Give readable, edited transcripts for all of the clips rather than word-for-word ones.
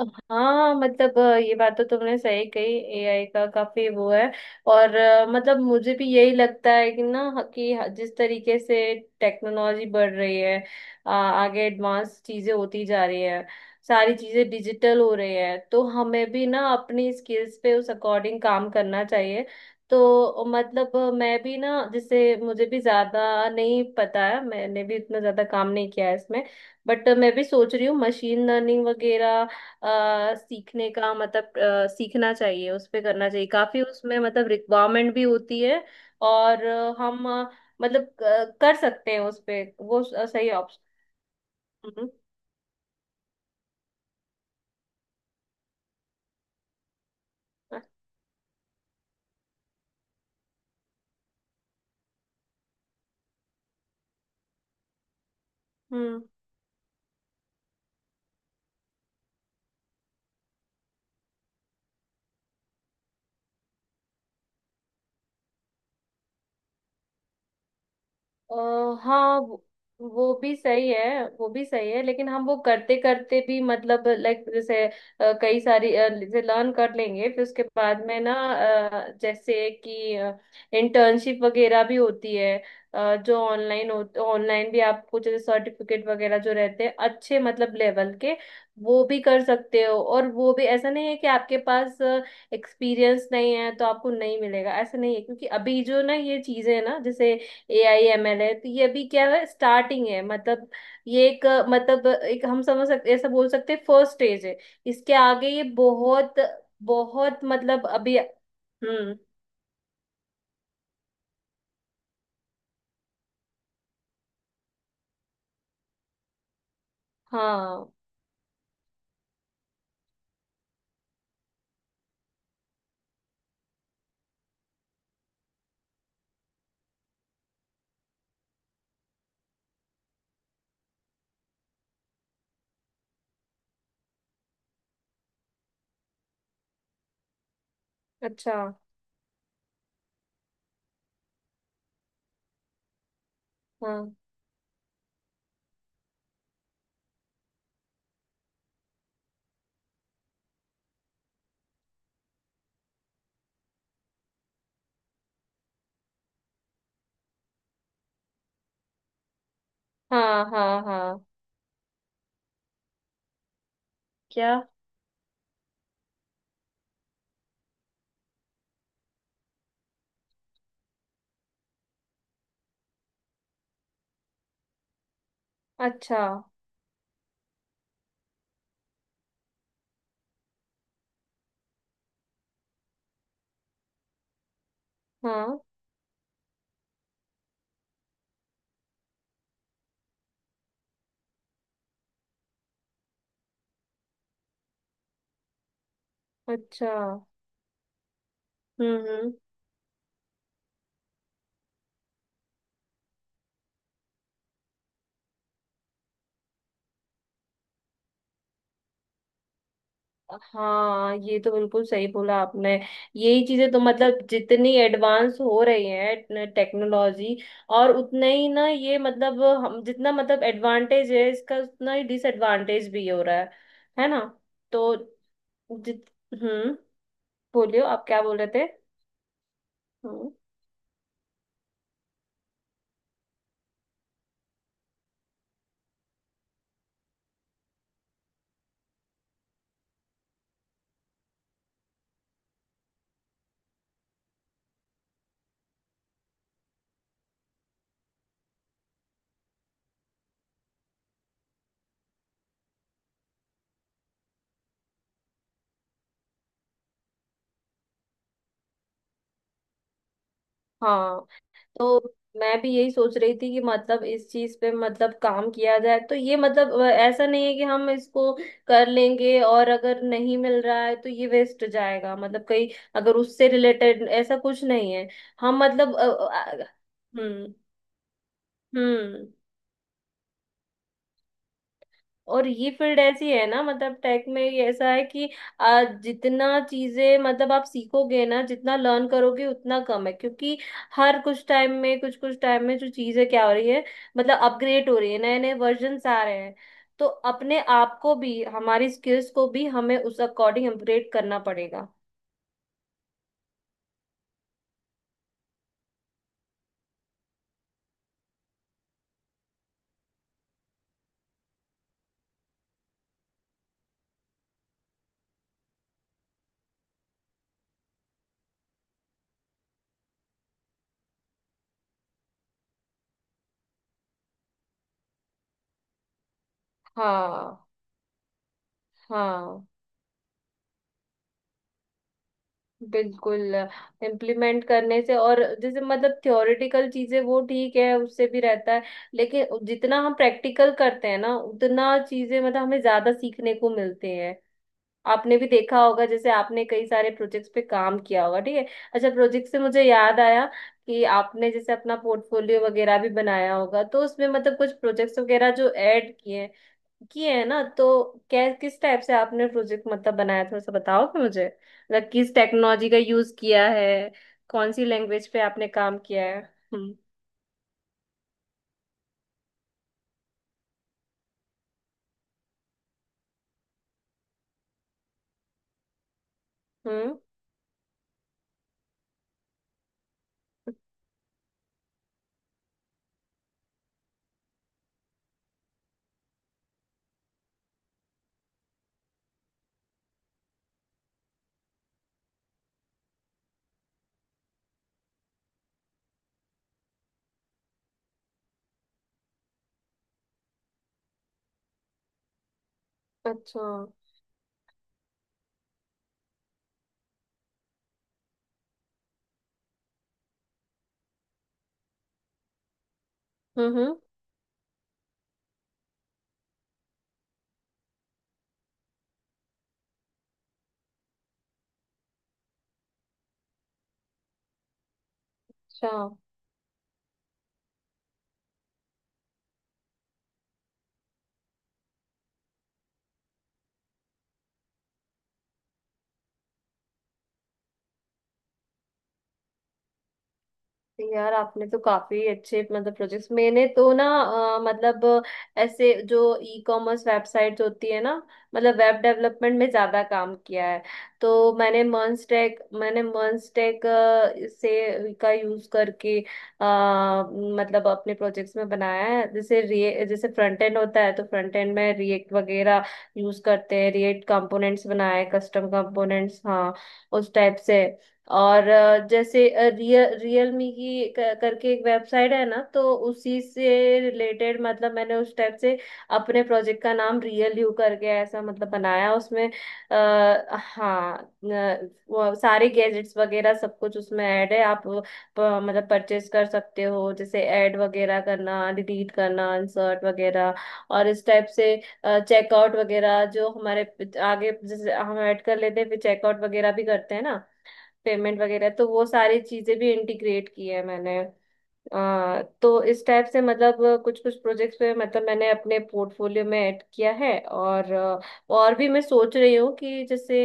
हाँ मतलब ये बात तो तुमने सही कही। AI का काफी वो है। और मतलब मुझे भी यही लगता है कि ना जिस तरीके से टेक्नोलॉजी बढ़ रही है। आगे एडवांस चीजें होती जा रही है। सारी चीजें डिजिटल हो रही है तो हमें भी ना अपनी स्किल्स पे उस अकॉर्डिंग काम करना चाहिए। तो मतलब मैं भी ना, जैसे मुझे भी ज्यादा नहीं पता है, मैंने भी इतना ज्यादा काम नहीं किया है इसमें। बट मैं भी सोच रही हूँ मशीन लर्निंग वगैरह सीखने का, मतलब सीखना चाहिए, उस पे करना चाहिए, काफी उसमें मतलब रिक्वायरमेंट भी होती है। और हम मतलब कर सकते हैं उस पे, वो सही ऑप्शन। हम्म। हम्म। अ, हाँ वो भी सही है, वो भी सही है, लेकिन हम वो करते करते भी मतलब लाइक जैसे कई सारी जैसे लर्न कर लेंगे, फिर उसके बाद में ना जैसे कि इंटर्नशिप वगैरह भी होती है। जो ऑनलाइन भी आपको जैसे सर्टिफिकेट वगैरह जो रहते हैं, अच्छे मतलब लेवल के, वो भी कर सकते हो। और वो भी ऐसा नहीं है कि आपके पास एक्सपीरियंस नहीं है तो आपको नहीं मिलेगा, ऐसा नहीं है, क्योंकि अभी जो ना ये चीजें ना, जैसे AI ML है, तो ये अभी क्या है, स्टार्टिंग है मतलब। ये एक, मतलब एक हम समझ सकते, ऐसा बोल सकते हैं, फर्स्ट स्टेज है। इसके आगे ये बहुत बहुत मतलब अभी। हम्म। हाँ। अच्छा। हाँ, हाँ, हाँ, हाँ। क्या? अच्छा। हाँ। अच्छा। हम्म। हम्म। हाँ, ये तो बिल्कुल सही बोला आपने। यही चीजें तो, मतलब जितनी एडवांस हो रही है टेक्नोलॉजी और उतना ही ना, ये मतलब हम जितना मतलब एडवांटेज है इसका, उतना ही डिसएडवांटेज भी हो रहा है। है ना? तो जित हम्म। बोलियो, आप क्या बोल रहे थे? हम्म। हाँ। तो मैं भी यही सोच रही थी कि मतलब इस चीज पे मतलब काम किया जाए, तो ये मतलब ऐसा नहीं है कि हम इसको कर लेंगे और अगर नहीं मिल रहा है तो ये वेस्ट जाएगा मतलब, कहीं अगर उससे रिलेटेड ऐसा कुछ नहीं है। हम मतलब हम्म। हम्म। और ये फील्ड ऐसी है ना, मतलब टेक में ये ऐसा है कि जितना चीजें मतलब आप सीखोगे ना, जितना लर्न करोगे उतना कम है क्योंकि हर कुछ टाइम में, कुछ कुछ टाइम में जो चीजें क्या हो रही है, मतलब अपग्रेड हो रही है, नए नए वर्जन्स आ रहे हैं। तो अपने आप को भी, हमारी स्किल्स को भी हमें उस अकॉर्डिंग अपग्रेड करना पड़ेगा। हाँ। हाँ। बिल्कुल। इम्प्लीमेंट करने से, और जैसे मतलब थ्योरेटिकल चीजें वो ठीक है, उससे भी रहता है, लेकिन जितना हम प्रैक्टिकल करते हैं ना, उतना चीजें मतलब हमें ज्यादा सीखने को मिलते हैं। आपने भी देखा होगा, जैसे आपने कई सारे प्रोजेक्ट्स पे काम किया होगा, ठीक है। अच्छा, प्रोजेक्ट से मुझे याद आया कि आपने जैसे अपना पोर्टफोलियो वगैरह भी बनाया होगा, तो उसमें मतलब कुछ प्रोजेक्ट्स वगैरह जो ऐड किए हैं ना, तो क्या, किस टाइप से आपने प्रोजेक्ट मतलब बनाया, थोड़ा सा बताओगे मुझे? मतलब किस टेक्नोलॉजी का यूज किया है, कौन सी लैंग्वेज पे आपने काम किया है? हम्म। हम्म। अच्छा। हम्म। हम्म। अच्छा। यार आपने तो काफी अच्छे मतलब प्रोजेक्ट्स, मैंने तो ना ऐसे जो ई कॉमर्स वेबसाइट होती है ना, मतलब वेब डेवलपमेंट में ज्यादा काम किया है। तो मैंने मर्नस्टैक से का यूज करके अ, मतलब अपने प्रोजेक्ट्स में बनाया है। जैसे रे जैसे फ्रंट एंड होता है तो फ्रंट एंड में रिएक्ट वगैरह यूज करते हैं, रिएक्ट कंपोनेंट्स बनाए, कस्टम कंपोनेंट्स, हाँ, उस टाइप से। और जैसे रियलमी की करके एक वेबसाइट है ना, तो उसी से रिलेटेड मतलब मैंने उस टाइप से अपने प्रोजेक्ट का नाम रियल यू करके ऐसा मतलब बनाया। उसमें हाँ वो सारे गैजेट्स वगैरह सब कुछ उसमें ऐड है, आप वो मतलब परचेज कर सकते हो, जैसे ऐड वगैरह करना, डिलीट करना, इंसर्ट वगैरह, और इस टाइप से। चेकआउट वगैरह जो हमारे आगे, जैसे हम ऐड कर लेते हैं फिर चेकआउट वगैरह भी करते हैं ना, पेमेंट वगैरह, तो वो सारी चीजें भी इंटीग्रेट की है मैंने। तो इस टाइप से मतलब कुछ कुछ प्रोजेक्ट्स पे मतलब मैंने अपने पोर्टफोलियो में ऐड किया है। और और भी मैं सोच रही हूँ कि जैसे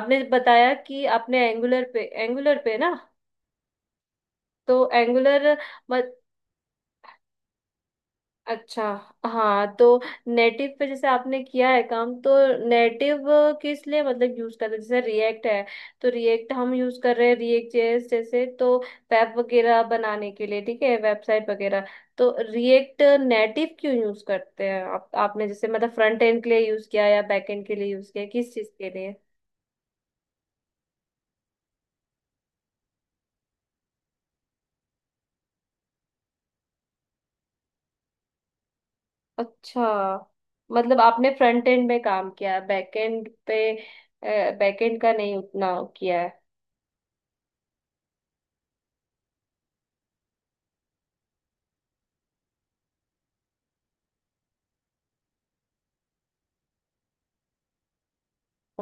आपने बताया कि आपने एंगुलर पे ना, तो एंगुलर। अच्छा। हाँ, तो नेटिव पे जैसे आपने किया है काम, तो नेटिव किस लिए मतलब यूज करते हैं? जैसे रिएक्ट है तो रिएक्ट हम यूज कर रहे हैं, रिएक्ट JS जैसे, तो वेब वगैरह बनाने के लिए, ठीक है, वेबसाइट वगैरह। तो रिएक्ट नेटिव क्यों यूज करते हैं आप? आपने जैसे मतलब फ्रंट एंड के लिए यूज किया या बैक एंड के लिए यूज किया, किस चीज के लिए? अच्छा, मतलब आपने फ्रंट एंड में काम किया है, बैक एंड पे, बैक एंड का नहीं उतना किया है?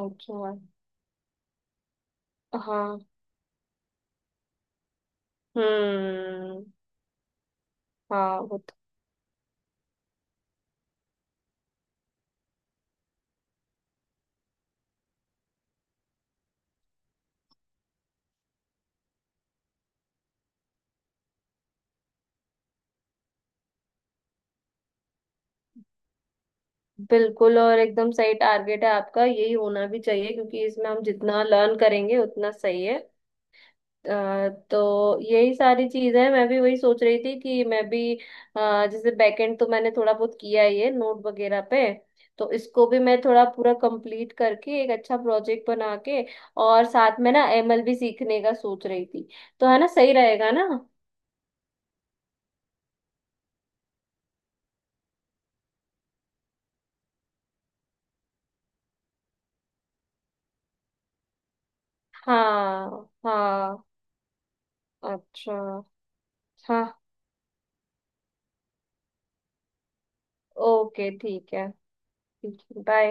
अच्छा। हाँ। हम्म। हाँ, वो तो बिल्कुल, और एकदम सही टारगेट है आपका, यही होना भी चाहिए क्योंकि इसमें हम जितना लर्न करेंगे उतना सही है। तो यही सारी चीज है, मैं भी वही सोच रही थी कि मैं भी जैसे बैकएंड तो मैंने थोड़ा बहुत किया ही है नोट वगैरह पे, तो इसको भी मैं थोड़ा पूरा कंप्लीट करके एक अच्छा प्रोजेक्ट बना के और साथ में ना ML भी सीखने का सोच रही थी। तो है ना, सही रहेगा ना? हाँ। हाँ। अच्छा। हाँ। ओके, ठीक है। ठीक है, बाय।